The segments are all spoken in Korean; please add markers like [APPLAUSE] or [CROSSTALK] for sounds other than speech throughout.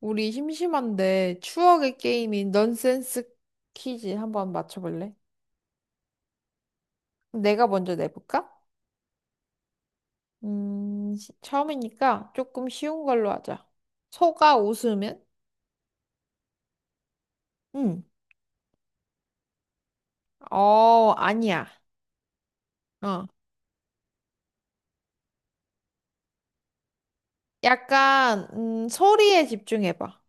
우리 심심한데 추억의 게임인 넌센스 퀴즈 한번 맞춰볼래? 내가 먼저 내볼까? 처음이니까 조금 쉬운 걸로 하자. 소가 웃으면? 응. 어, 아니야. 어. 약간, 소리에 집중해봐.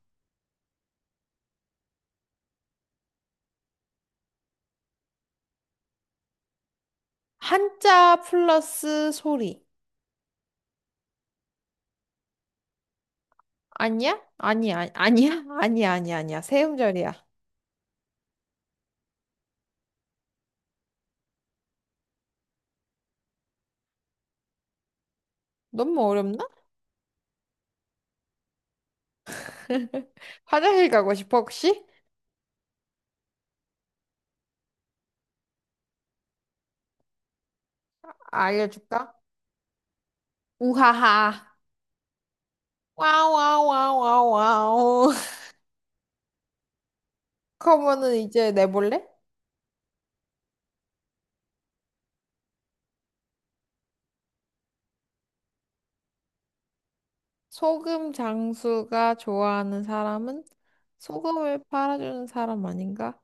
한자 플러스 소리. 아니야? 아니야, 아니야? [LAUGHS] 아니야, 아니야, 아니야. 세 음절이야. 너무 어렵나? [LAUGHS] 화장실 가고 싶어, 혹시? 알려줄까? 우하하. 와우, 와우, 와우, 와우, 그러 커버는 [LAUGHS] 이제 내볼래? 소금 장수가 좋아하는 사람은 소금을 팔아주는 사람 아닌가?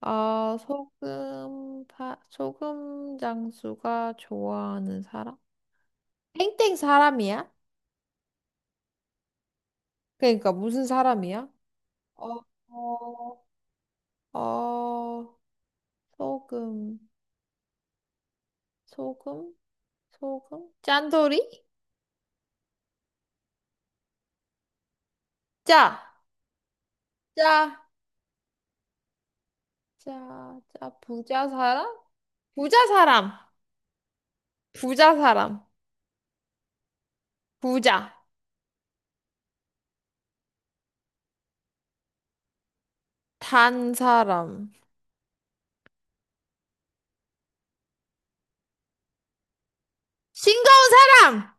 아, 소금, 소금 장수가 좋아하는 사람? 땡땡 사람이야? 그러니까 무슨 사람이야? 어, 어, 어, 소금, 소금, 소금? 짠돌이? 짜, 짜, 짜, 짜, 부자 사람? 부자 사람! 부자 사람. 부자. 단 사람. 싱거운 사람!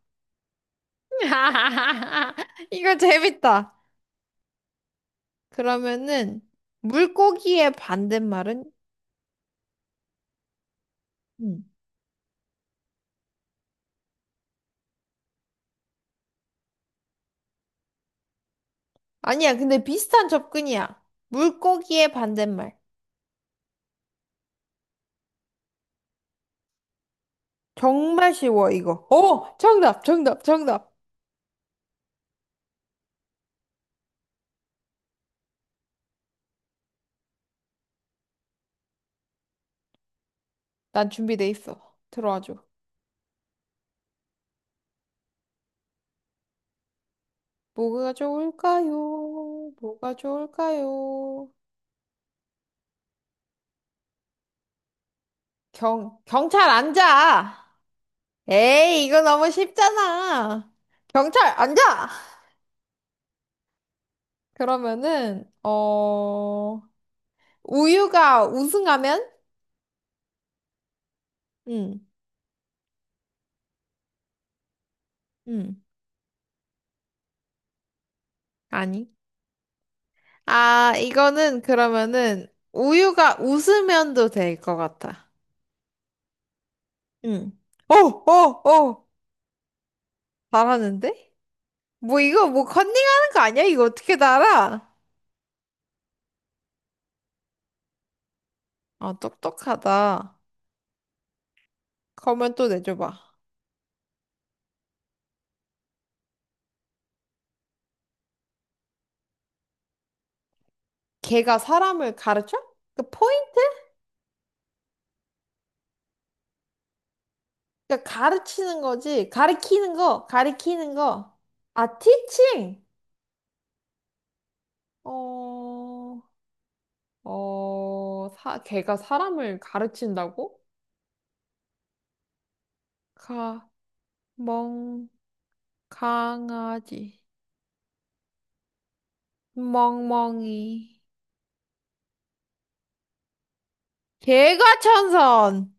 [LAUGHS] 이거 재밌다. 그러면은 물고기의 반대말은? 음. 아니야, 근데 비슷한 접근이야. 물고기의 반대말. 정말 쉬워, 이거. 정답, 정답, 정답. 난 준비돼 있어. 들어와 줘. 뭐가 좋을까요? 뭐가 좋을까요? 경찰 앉아. 에이, 이거 너무 쉽잖아. 경찰, 앉아! 그러면은, 우유가 우승하면? 응, 응, 아니. 아, 이거는 그러면은, 우유가 웃으면도 될 것 같아. 응. 오, 오, 오! 잘하는데? 뭐 이거 뭐 컨닝하는 거 아니야? 이거 어떻게 알아? 아, 똑똑하다. 그러면 또 내줘봐. 걔가 사람을 가르쳐? 그 포인트? 그러니까 가르치는 거지. 가르키는 거, 가르키는 거. 아, teaching. 어, 걔가 사람을 가르친다고? 가, 멍, 강아지, 멍멍이. 개가 천선.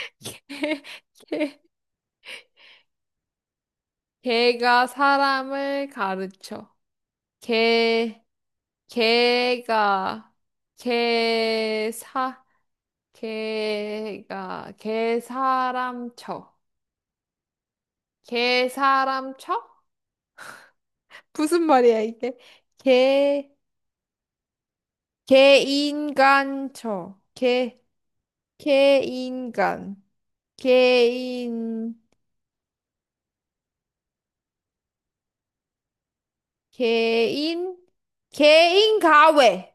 [LAUGHS] 개, 개, 개가 사람을 가르쳐. 개, 개가, 개사, 개가, 개사람 쳐. 개사람쳐? 무슨 말이야, 이게? 개, 개인간쳐. 개인간. 개인, 개인, 개인가외.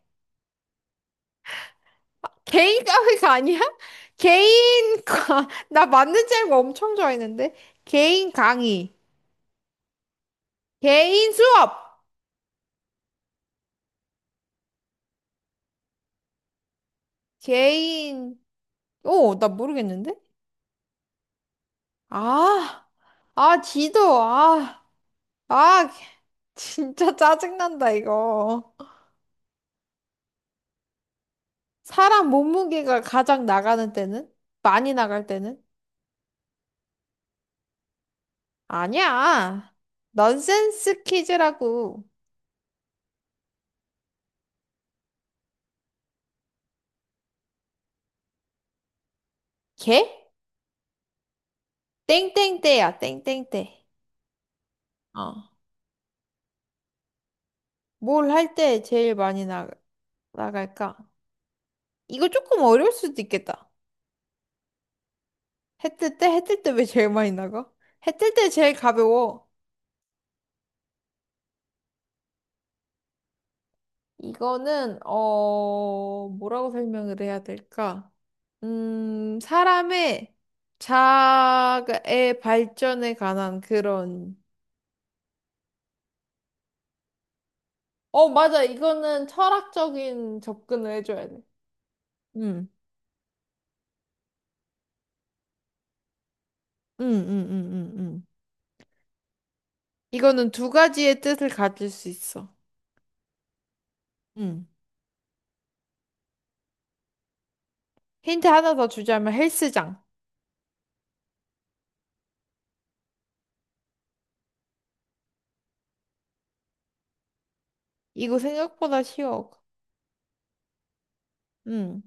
아, 개인가외가 아니야? [LAUGHS] 개인가, [LAUGHS] 나 맞는 줄 알고 엄청 좋아했는데? 개인 강의. 개인 수업. 개인, 오, 나 모르겠는데? 아, 아, 지도, 아. 아, [LAUGHS] 진짜 짜증난다, 이거. 사람 몸무게가 가장 나가는 때는? 많이 나갈 때는? 아니야. 넌센스 퀴즈라고. 개? 땡땡때야, 땡땡때. 어. 뭘 할 때 제일 많이 나갈까? 이거 조금 어려울 수도 있겠다. 해뜰 때? 해뜰 때 왜 제일 많이 나가? 해뜰 때 제일 가벼워. 이거는, 뭐라고 설명을 해야 될까? 사람의 자아의 발전에 관한 그런, 어, 맞아. 이거는 철학적인 접근을 해줘야 돼. 응, 응, 응, 응, 응, 응. 이거는 두 가지의 뜻을 가질 수 있어. 응. 힌트 하나 더 주자면 헬스장. 이거 생각보다 쉬워. 응.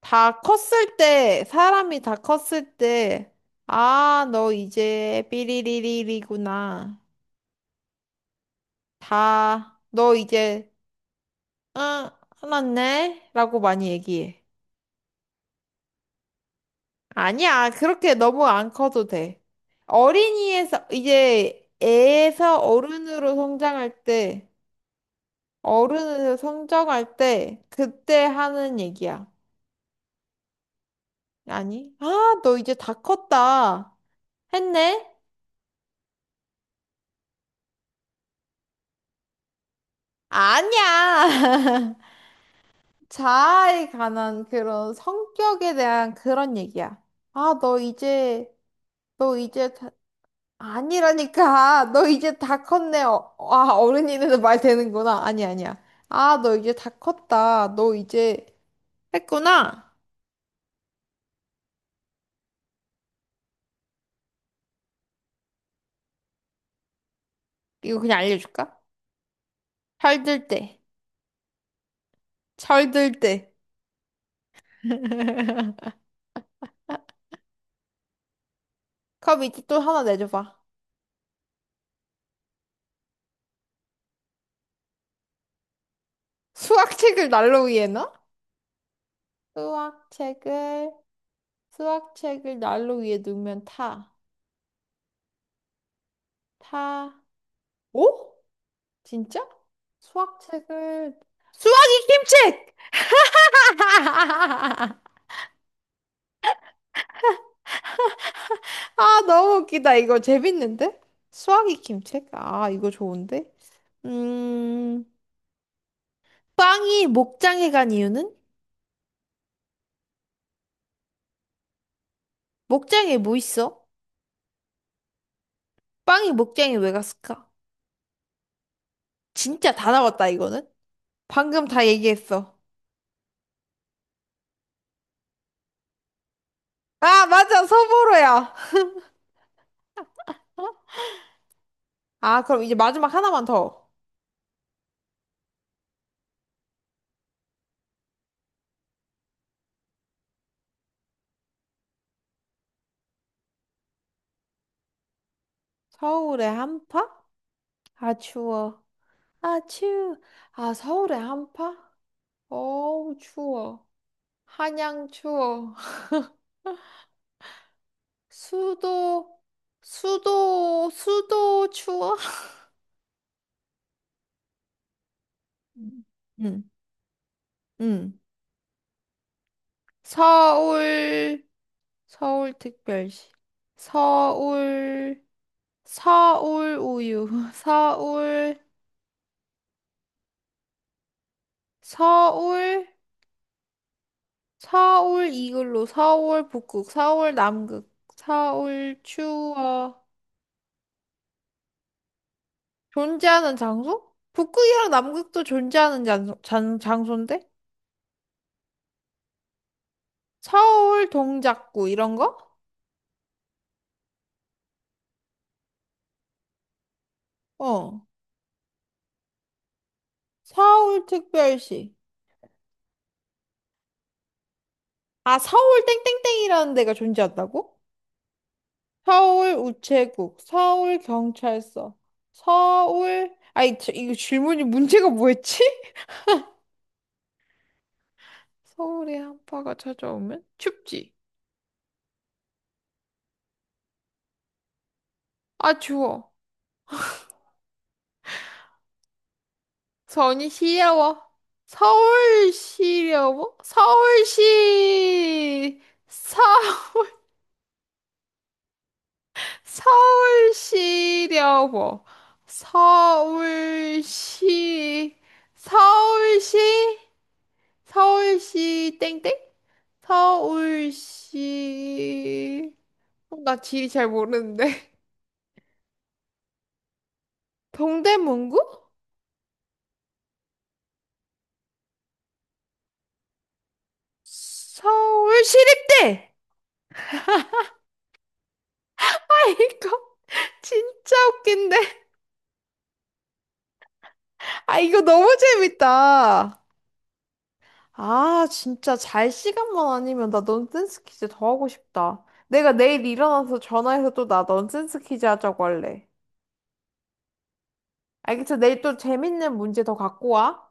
다 컸을 때, 사람이 다 컸을 때, 아, 너 이제 삐리리리리구나. 너 이제, 응, 화났네? 라고 많이 얘기해. 아니야, 그렇게 너무 안 커도 돼. 어린이에서, 이제 애에서 어른으로 성장할 때, 어른으로 성장할 때, 그때 하는 얘기야. 아니, 아, 너 이제 다 컸다. 했네? 아니야! [LAUGHS] 자아에 관한 그런 성격에 대한 그런 얘기야. 아, 너 이제, 너 이제 다, 아니라니까. [LAUGHS] 너 이제 다 컸네. 어, 아, 어른이는 말 되는구나. 아니, 아니야. 아, 너 이제 다 컸다. 너 이제 했구나. 이거 그냥 알려줄까? 철들 때. 철들 때. [LAUGHS] 그럼 이제 또 하나 내줘봐. 수학책을 난로 위에 넣어? 수학책을, 수학책을 난로 위에 놓으면 타. 타. 오? 진짜? 수학책을 수학이 김책! [LAUGHS] 아, 너무 웃기다. 이거 재밌는데? 수학이 김책? 아, 이거 좋은데? 음, 빵이 목장에 간 이유는? 목장에 뭐 있어? 빵이 목장에 왜 갔을까? 진짜 다 나왔다, 이거는? 방금 다 얘기했어. 아, 맞아. 서보로야. 아, 그럼 이제 마지막 하나만 더. 서울의 한파? 아, 추워. 아, 추워. 아, 서울의 한파? 어우, 추워. 한양 추워. 수도, 수도, 수도 추워. 음. 응, 응. 서울, 서울특별시. 서울, 서울 우유. [LAUGHS] 서울, 서울 이글루. 서울 북극. 서울 남극. 서울 추워. 존재하는 장소? 북극이랑 남극도 존재하는 장소, 장소인데? 서울 동작구 이런 거? 어. 서울특별시. 아, 서울 땡땡땡이라는 데가 존재한다고? 서울 우체국, 서울 경찰서, 서울 아이 이거 질문이 문제가 뭐였지? [LAUGHS] 서울의 한파가 찾아오면 춥지. 아, 추워. 서울이 시려워. 서울 시려워? 서울시 서 서울시려고. 서울시, 서울시, 서울시, 땡땡? 서울시, 나 지리 잘 모르는데. [LAUGHS] 동대문구? 서울시립대! 아, 이거 [LAUGHS] 진짜 웃긴데. 아, 이거 너무 재밌다. 아, 진짜 잘 시간만 아니면 나 넌센스 퀴즈 더 하고 싶다. 내가 내일 일어나서 전화해서 또 나 넌센스 퀴즈 하자고 할래. 알겠어? 내일 또 재밌는 문제 더 갖고 와.